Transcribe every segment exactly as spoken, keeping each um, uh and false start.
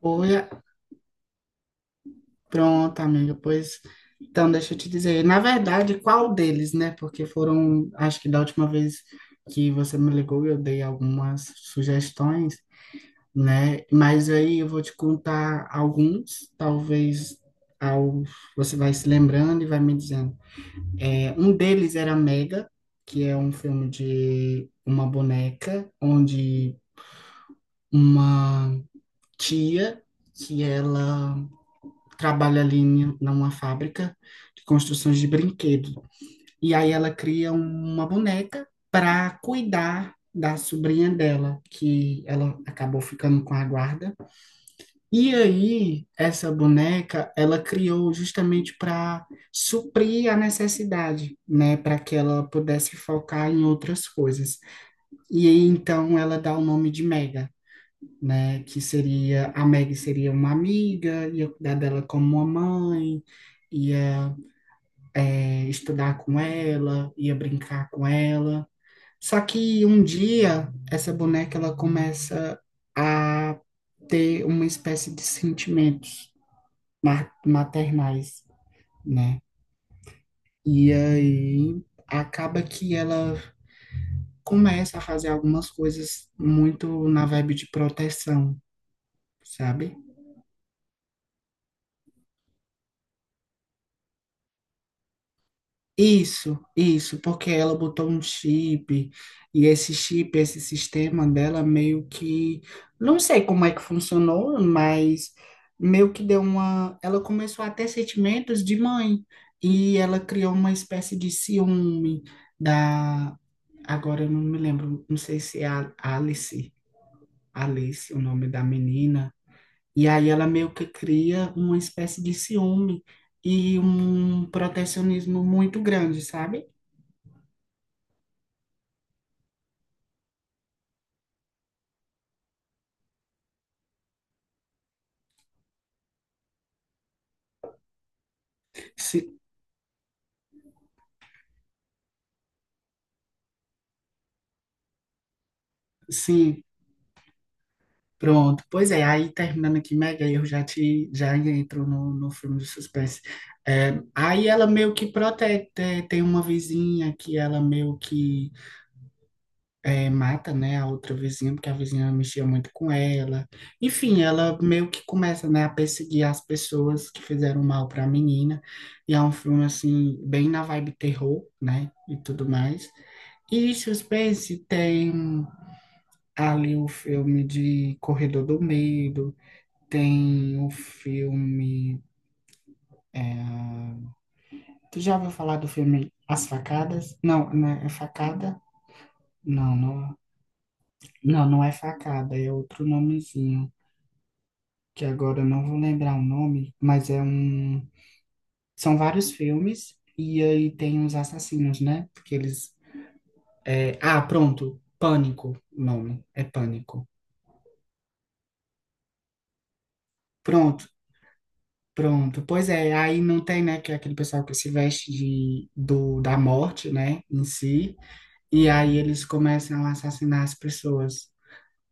Olha, pronto, amiga, pois então deixa eu te dizer, na verdade, qual deles, né? Porque foram, acho que da última vez que você me ligou, eu dei algumas sugestões, né? Mas aí eu vou te contar alguns, talvez ao, você vai se lembrando e vai me dizendo. É, um deles era Mega, que é um filme de uma boneca, onde uma tia que ela trabalha ali em numa fábrica de construções de brinquedo. E aí ela cria uma boneca para cuidar da sobrinha dela, que ela acabou ficando com a guarda. E aí essa boneca ela criou justamente para suprir a necessidade, né, para que ela pudesse focar em outras coisas. E aí então ela dá o nome de Mega, né? Que seria, a Meg seria uma amiga, ia cuidar dela como uma mãe, ia é, estudar com ela, ia brincar com ela. Só que um dia, essa boneca, ela começa a ter uma espécie de sentimentos ma- maternais, né? E aí acaba que ela começa a fazer algumas coisas muito na vibe de proteção, sabe? Isso, isso, porque ela botou um chip e esse chip, esse sistema dela meio que, não sei como é que funcionou, mas meio que deu uma, ela começou a ter sentimentos de mãe e ela criou uma espécie de ciúme da, agora eu não me lembro, não sei se é a Alice, Alice, o nome da menina, e aí ela meio que cria uma espécie de ciúme e um protecionismo muito grande, sabe? Si- Sim, pronto. Pois é, aí terminando aqui, mega eu já te já entro no, no filme de suspense. É, aí ela meio que protege, te- tem uma vizinha que ela meio que é, mata, né, a outra vizinha, porque a vizinha mexia muito com ela. Enfim, ela meio que começa, né, a perseguir as pessoas que fizeram mal para a menina. E é um filme, assim, bem na vibe terror, né, e tudo mais. E suspense tem ali o filme de Corredor do Medo, tem o filme. é, Tu já ouviu falar do filme As Facadas? Não, não é é facada? Não, não, não, não é facada, é outro nomezinho, que agora eu não vou lembrar o nome, mas é um. São vários filmes, e aí tem os assassinos, né? Porque eles. é, Ah, pronto, Pânico, o nome, é Pânico. Pronto, pronto, pois é, aí não tem, né, que é aquele pessoal que se veste de, do, da morte, né, em si, e aí eles começam a assassinar as pessoas.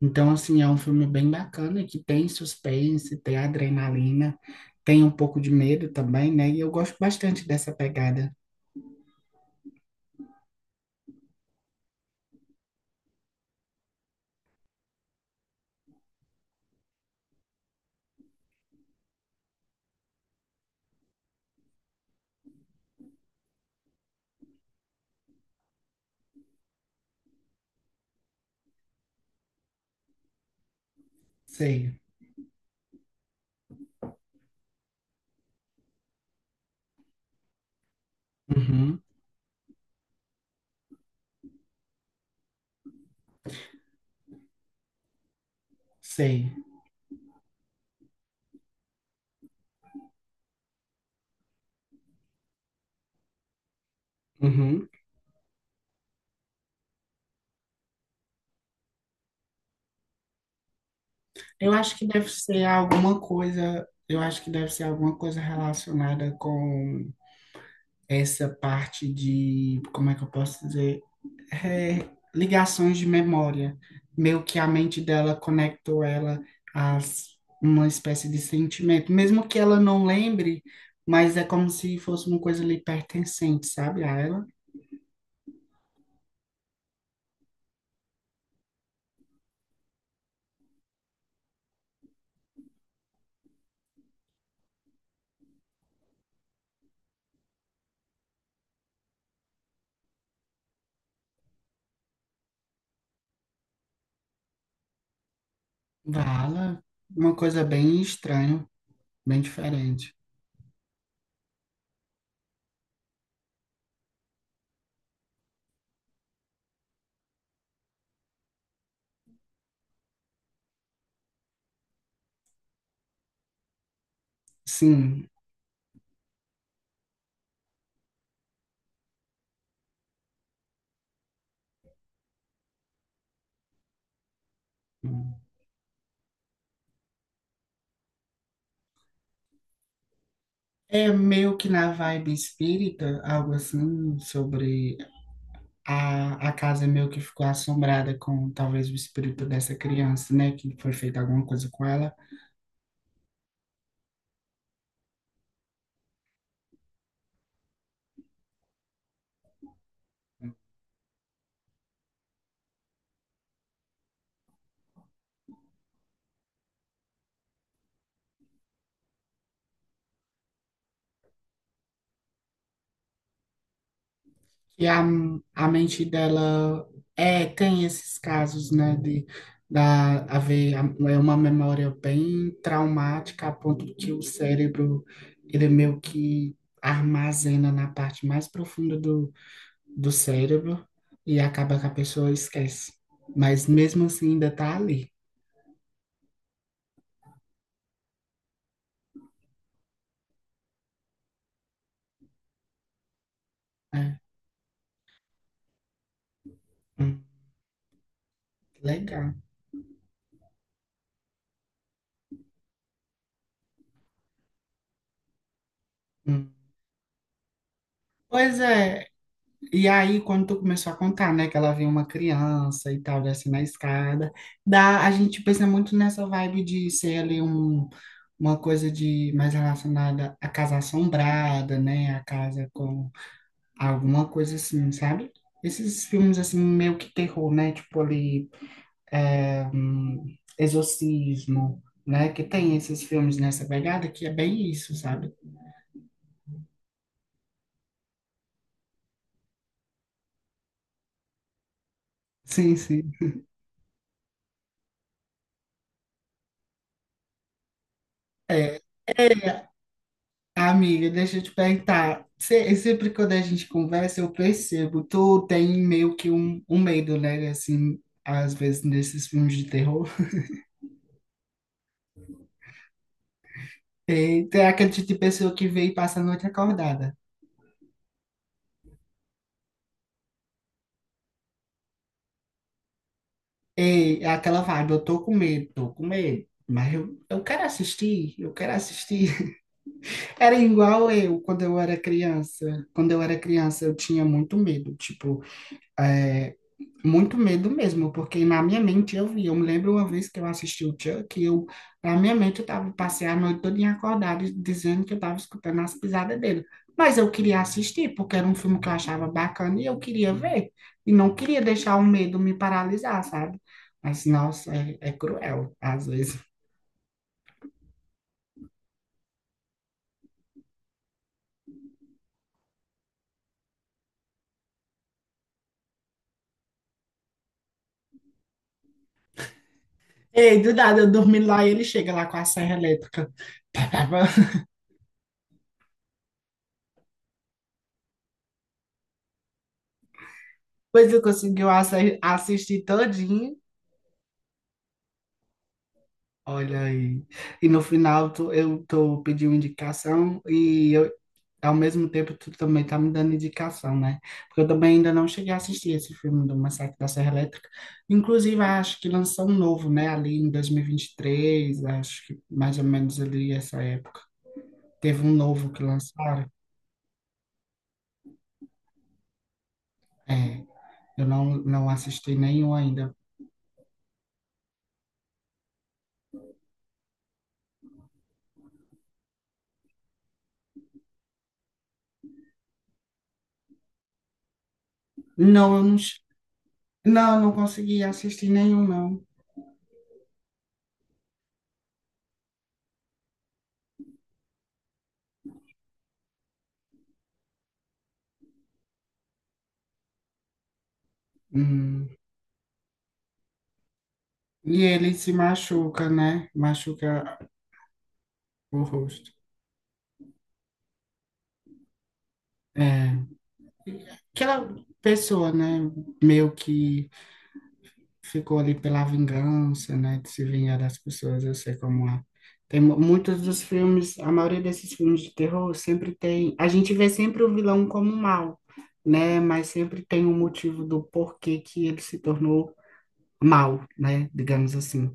Então, assim, é um filme bem bacana, que tem suspense, tem adrenalina, tem um pouco de medo também, né, e eu gosto bastante dessa pegada. Sei, uhum, sei, uhum. Eu acho que deve ser alguma coisa, eu acho que deve ser alguma coisa relacionada com essa parte de, como é que eu posso dizer? Ligações de memória. Meio que a mente dela conectou ela a s- uma espécie de sentimento, mesmo que ela não lembre, mas é como se fosse uma coisa ali pertencente, sabe? A ela, a uma coisa bem estranha, bem diferente. Sim. É meio que na vibe espírita, algo assim, sobre a, a casa meio que ficou assombrada com talvez o espírito dessa criança, né? Que foi feita alguma coisa com ela. Que a, a mente dela é, tem esses casos, né, de da, haver a- é uma memória bem traumática, a ponto que o cérebro, ele meio que armazena na parte mais profunda do, do cérebro e acaba que a pessoa esquece. Mas mesmo assim ainda tá ali. Né? Hum, legal. Hum. Pois é. E aí, quando tu começou a contar, né, que ela viu uma criança e tal, assim, na escada, dá, a gente pensa muito nessa vibe de ser ali um, uma coisa de mais relacionada à casa assombrada, né, a casa com alguma coisa assim, sabe? Esses filmes, assim, meio que terror, né, tipo ali, é, hum, Exorcismo, né, que tem esses filmes nessa pegada que é bem isso, sabe? Sim, sim. É, é, amiga, deixa eu te perguntar. Se- Sempre quando a gente conversa, eu percebo. Tu tem meio que um, um medo, né? Assim, às vezes nesses filmes de terror. E tem aquele tipo de pessoa que vem e passa a noite acordada. E é aquela vibe, eu tô com medo, tô com medo. Mas eu, eu quero assistir, eu quero assistir. Era igual eu quando eu era criança. Quando eu era criança, eu tinha muito medo. Tipo, é, Muito medo mesmo, porque na minha mente eu vi. Eu me lembro uma vez que eu assisti o Chuck, e eu, na minha mente eu tava, passei a noite toda acordada dizendo que eu estava escutando as pisadas dele. Mas eu queria assistir, porque era um filme que eu achava bacana e eu queria ver. E não queria deixar o medo me paralisar, sabe? Mas, nossa, é, é cruel, às vezes. Ei, do nada, eu dormi lá e ele chega lá com a serra elétrica. Depois eu consegui assi- assistir todinho. Olha aí. E no final tu, eu tô pedindo indicação e eu, ao mesmo tempo tu também tá me dando indicação, né? Porque eu também ainda não cheguei a assistir esse filme do Massacre da Serra Elétrica. Inclusive, acho que lançou um novo, né? Ali em dois mil e vinte e três, acho que mais ou menos ali essa época. Teve um novo que lançaram. É, eu não, não assisti nenhum ainda. Não, eu não, che- não, eu não consegui assistir nenhum, não. Hum. E ele se machuca, né? Machuca o rosto. É. Aquela pessoa, né? Meio que ficou ali pela vingança, né? De se vingar das pessoas, eu sei como é. Tem mu- muitos dos filmes, a maioria desses filmes de terror sempre tem. A gente vê sempre o vilão como um mal, né? Mas sempre tem um motivo do porquê que ele se tornou mal, né? Digamos assim.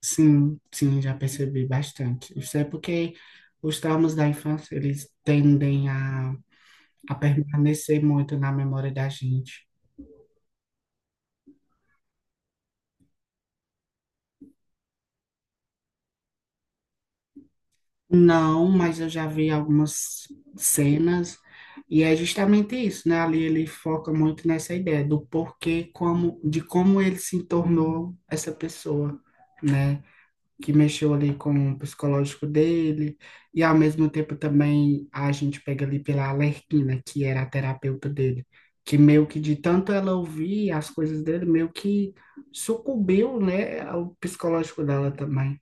Sim, sim, já percebi bastante. Isso é porque os traumas da infância, eles tendem a a permanecer muito na memória da gente. Não, mas eu já vi algumas cenas e é justamente isso, né? Ali ele foca muito nessa ideia do porquê, como, de como ele se tornou essa pessoa, né? Que mexeu ali com o psicológico dele e ao mesmo tempo também a gente pega ali pela Arlequina, que era a terapeuta dele, que meio que de tanto ela ouvir as coisas dele, meio que sucumbiu, né, ao psicológico dela também.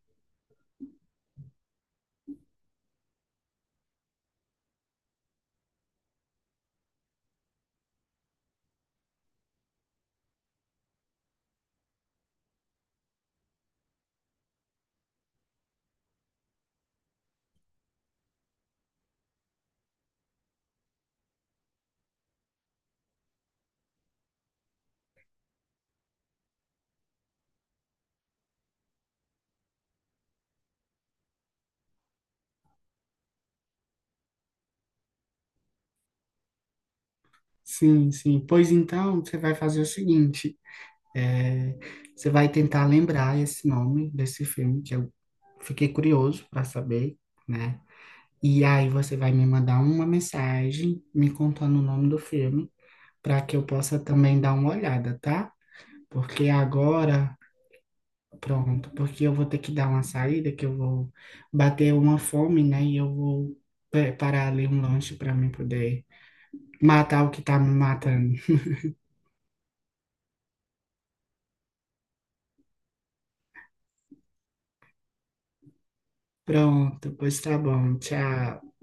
Sim, sim. Pois então, você vai fazer o seguinte: é, você vai tentar lembrar esse nome desse filme, que eu fiquei curioso para saber, né? E aí você vai me mandar uma mensagem me contando o nome do filme, para que eu possa também dar uma olhada, tá? Porque agora, pronto, porque eu vou ter que dar uma saída, que eu vou bater uma fome, né? E eu vou preparar ali um lanche para mim poder matar o que tá me matando. Pronto, pois tá bom. Tchau.